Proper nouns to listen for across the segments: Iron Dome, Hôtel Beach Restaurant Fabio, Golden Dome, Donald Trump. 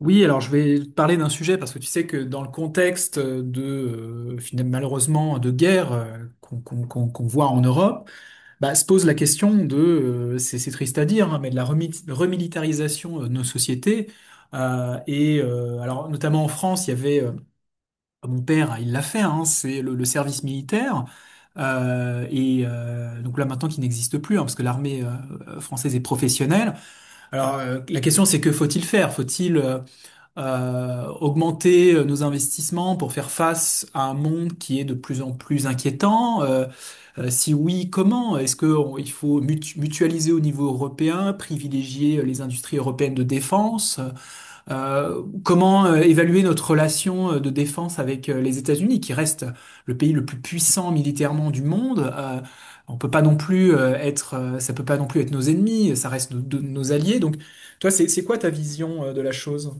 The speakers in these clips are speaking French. Oui, alors je vais te parler d'un sujet parce que tu sais que dans le contexte de finalement, malheureusement de guerre qu'on voit en Europe, se pose la question de c'est triste à dire hein, mais de la remilitarisation de nos sociétés. Alors notamment en France il y avait mon père hein, il l'a fait hein, c'est le service militaire donc là maintenant qui n'existe plus hein, parce que l'armée française est professionnelle. Alors la question c'est que faut-il faire? Faut-il augmenter nos investissements pour faire face à un monde qui est de plus en plus inquiétant? Si oui, comment? Est-ce que on- il faut mutualiser au niveau européen, privilégier les industries européennes de défense? Comment évaluer notre relation de défense avec les États-Unis, qui reste le pays le plus puissant militairement du monde? On peut pas non plus ça peut pas non plus être nos ennemis, ça reste nos, nos alliés. Donc, toi, c'est quoi ta vision de la chose?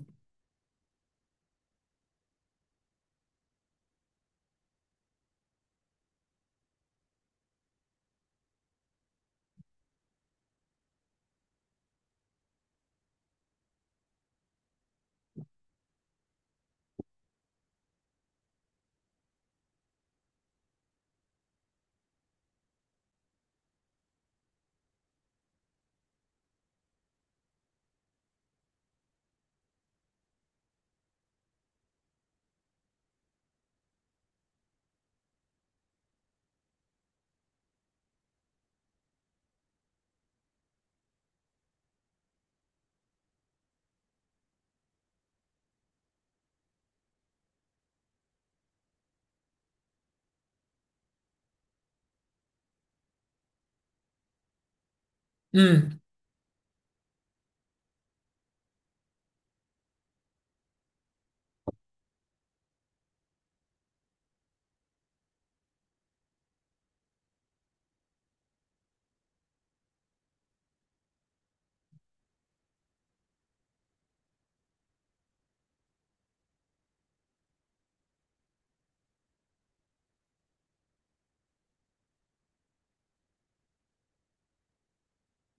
Hmm.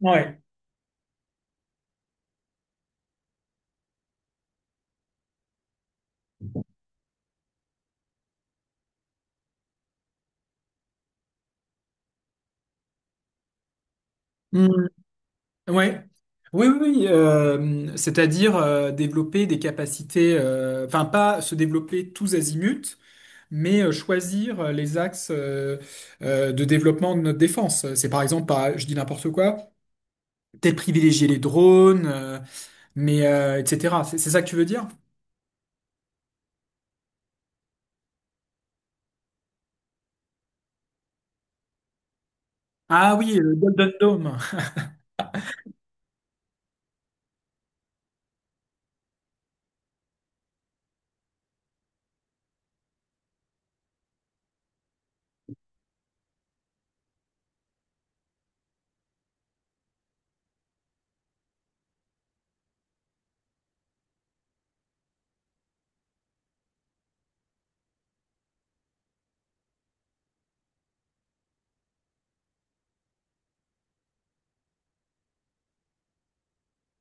Ouais. Mm. Ouais. Oui, oui, oui, c'est-à-dire développer des capacités, enfin pas se développer tous azimuts, mais choisir les axes de développement de notre défense. C'est par exemple, pas, je dis n'importe quoi, peut-être privilégier les drones, mais etc. C'est ça que tu veux dire? Ah oui, le Golden Dome.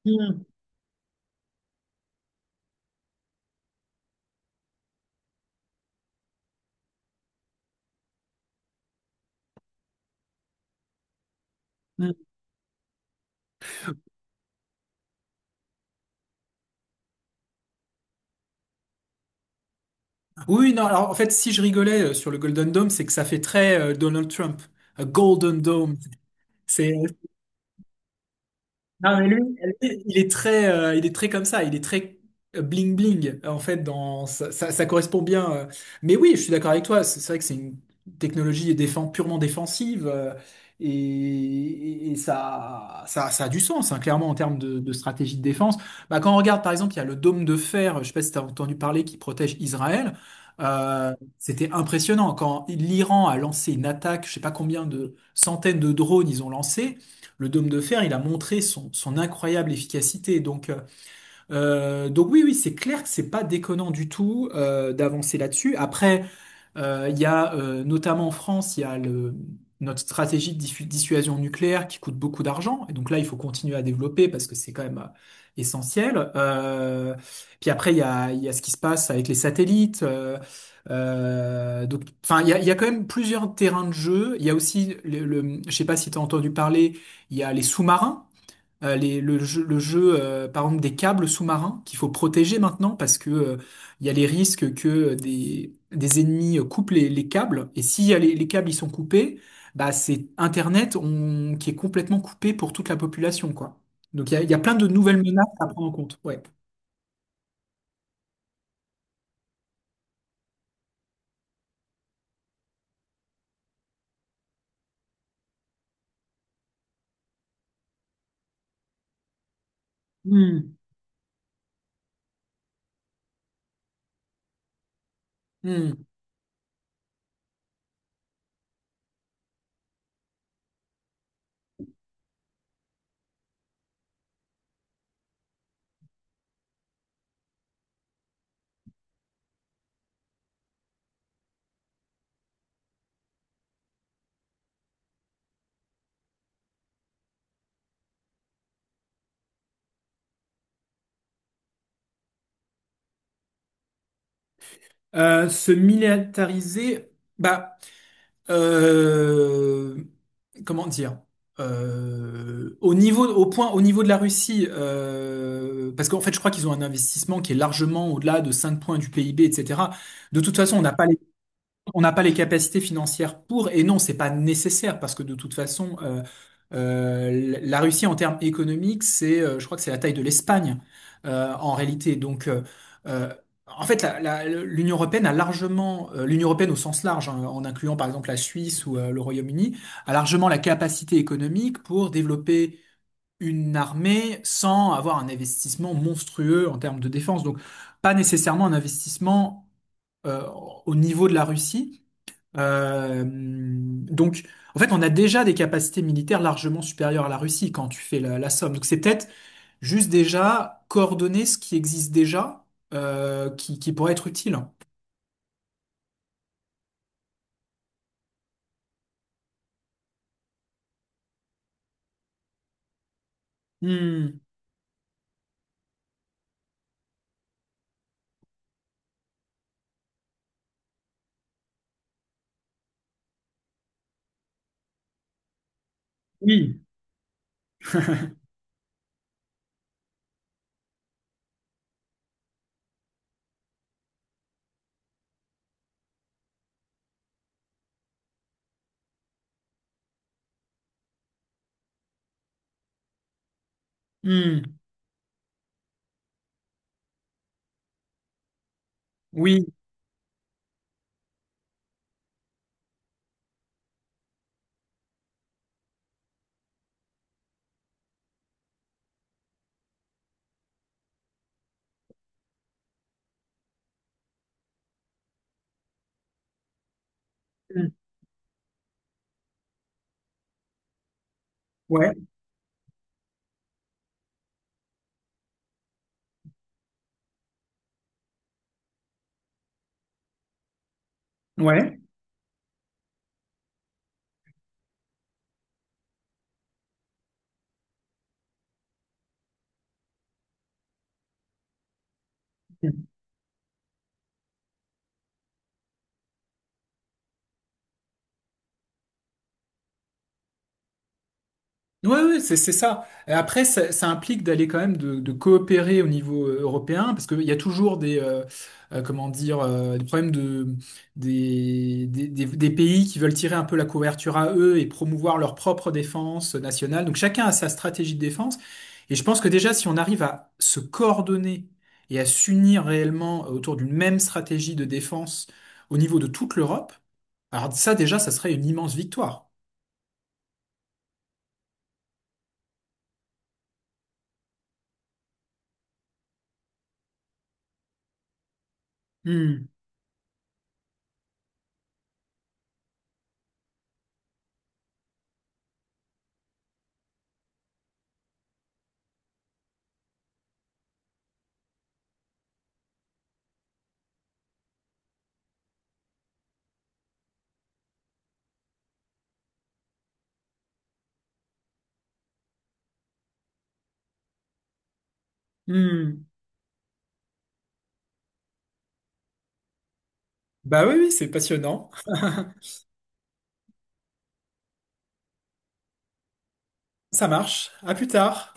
Mm. Mm. Oui, non, alors en fait, si je rigolais sur le Golden Dome, c'est que ça fait très Donald Trump. A Golden Dome. C'est. Non, mais lui, il est très comme ça, il est très bling bling en fait. Dans ça, ça correspond bien. Mais oui, je suis d'accord avec toi. C'est vrai que c'est une technologie défend, purement défensive et, et ça, ça a du sens hein, clairement en termes de stratégie de défense. Bah, quand on regarde par exemple, il y a le dôme de fer. Je sais pas si tu as entendu parler qui protège Israël. C'était impressionnant quand l'Iran a lancé une attaque. Je sais pas combien de centaines de drones ils ont lancé. Le dôme de fer, il a montré son, son incroyable efficacité. Donc oui, oui, c'est clair que c'est pas déconnant du tout d'avancer là-dessus. Après, il y a notamment en France, il y a notre stratégie de dissuasion nucléaire qui coûte beaucoup d'argent. Et donc là, il faut continuer à développer parce que c'est quand même essentiel. Puis après, il y a ce qui se passe avec les satellites. Donc, enfin, il y a quand même plusieurs terrains de jeu. Il y a aussi je sais pas si tu as entendu parler, il y a les sous-marins. Le jeu, le jeu par exemple, des câbles sous-marins qu'il faut protéger maintenant parce que il y a les risques que des ennemis coupent les câbles. Et si les câbles ils sont coupés, bah, c'est Internet qui est complètement coupé pour toute la population, quoi. Donc il y a plein de nouvelles menaces à prendre en compte. Ouais. Hmm, hmm. Se militariser, bah. euh, comment dire, au niveau, au point, au niveau de la Russie, parce qu'en fait, je crois qu'ils ont un investissement qui est largement au-delà de 5 points du PIB, etc. De toute façon, on n'a pas les capacités financières pour, et non, c'est pas nécessaire parce que de toute façon, la Russie en termes économiques, c'est, je crois que c'est la taille de l'Espagne en réalité. Donc, euh, en fait, l'Union européenne a largement, l'Union européenne au sens large, hein, en incluant par exemple la Suisse ou le Royaume-Uni, a largement la capacité économique pour développer une armée sans avoir un investissement monstrueux en termes de défense. Donc, pas nécessairement un investissement euh, au niveau de la Russie. Donc, en fait, on a déjà des capacités militaires largement supérieures à la Russie quand tu fais la somme. Donc, c'est peut-être juste déjà coordonner ce qui existe déjà, qui pourrait être utile. Hmm, oui, hmm, oui, hmm, ouais, ouais. Oui, oui, c'est ça. Et après, ça implique d'aller quand même de coopérer au niveau européen, parce qu'il y a toujours des, comment dire, des problèmes de, des pays qui veulent tirer un peu la couverture à eux et promouvoir leur propre défense nationale. Donc chacun a sa stratégie de défense. Et je pense que déjà, si on arrive à se coordonner et à s'unir réellement autour d'une même stratégie de défense au niveau de toute l'Europe, alors ça déjà, ça serait une immense victoire. Hmm, hmm. Bah oui, oui, c'est passionnant. Ça marche. À plus tard.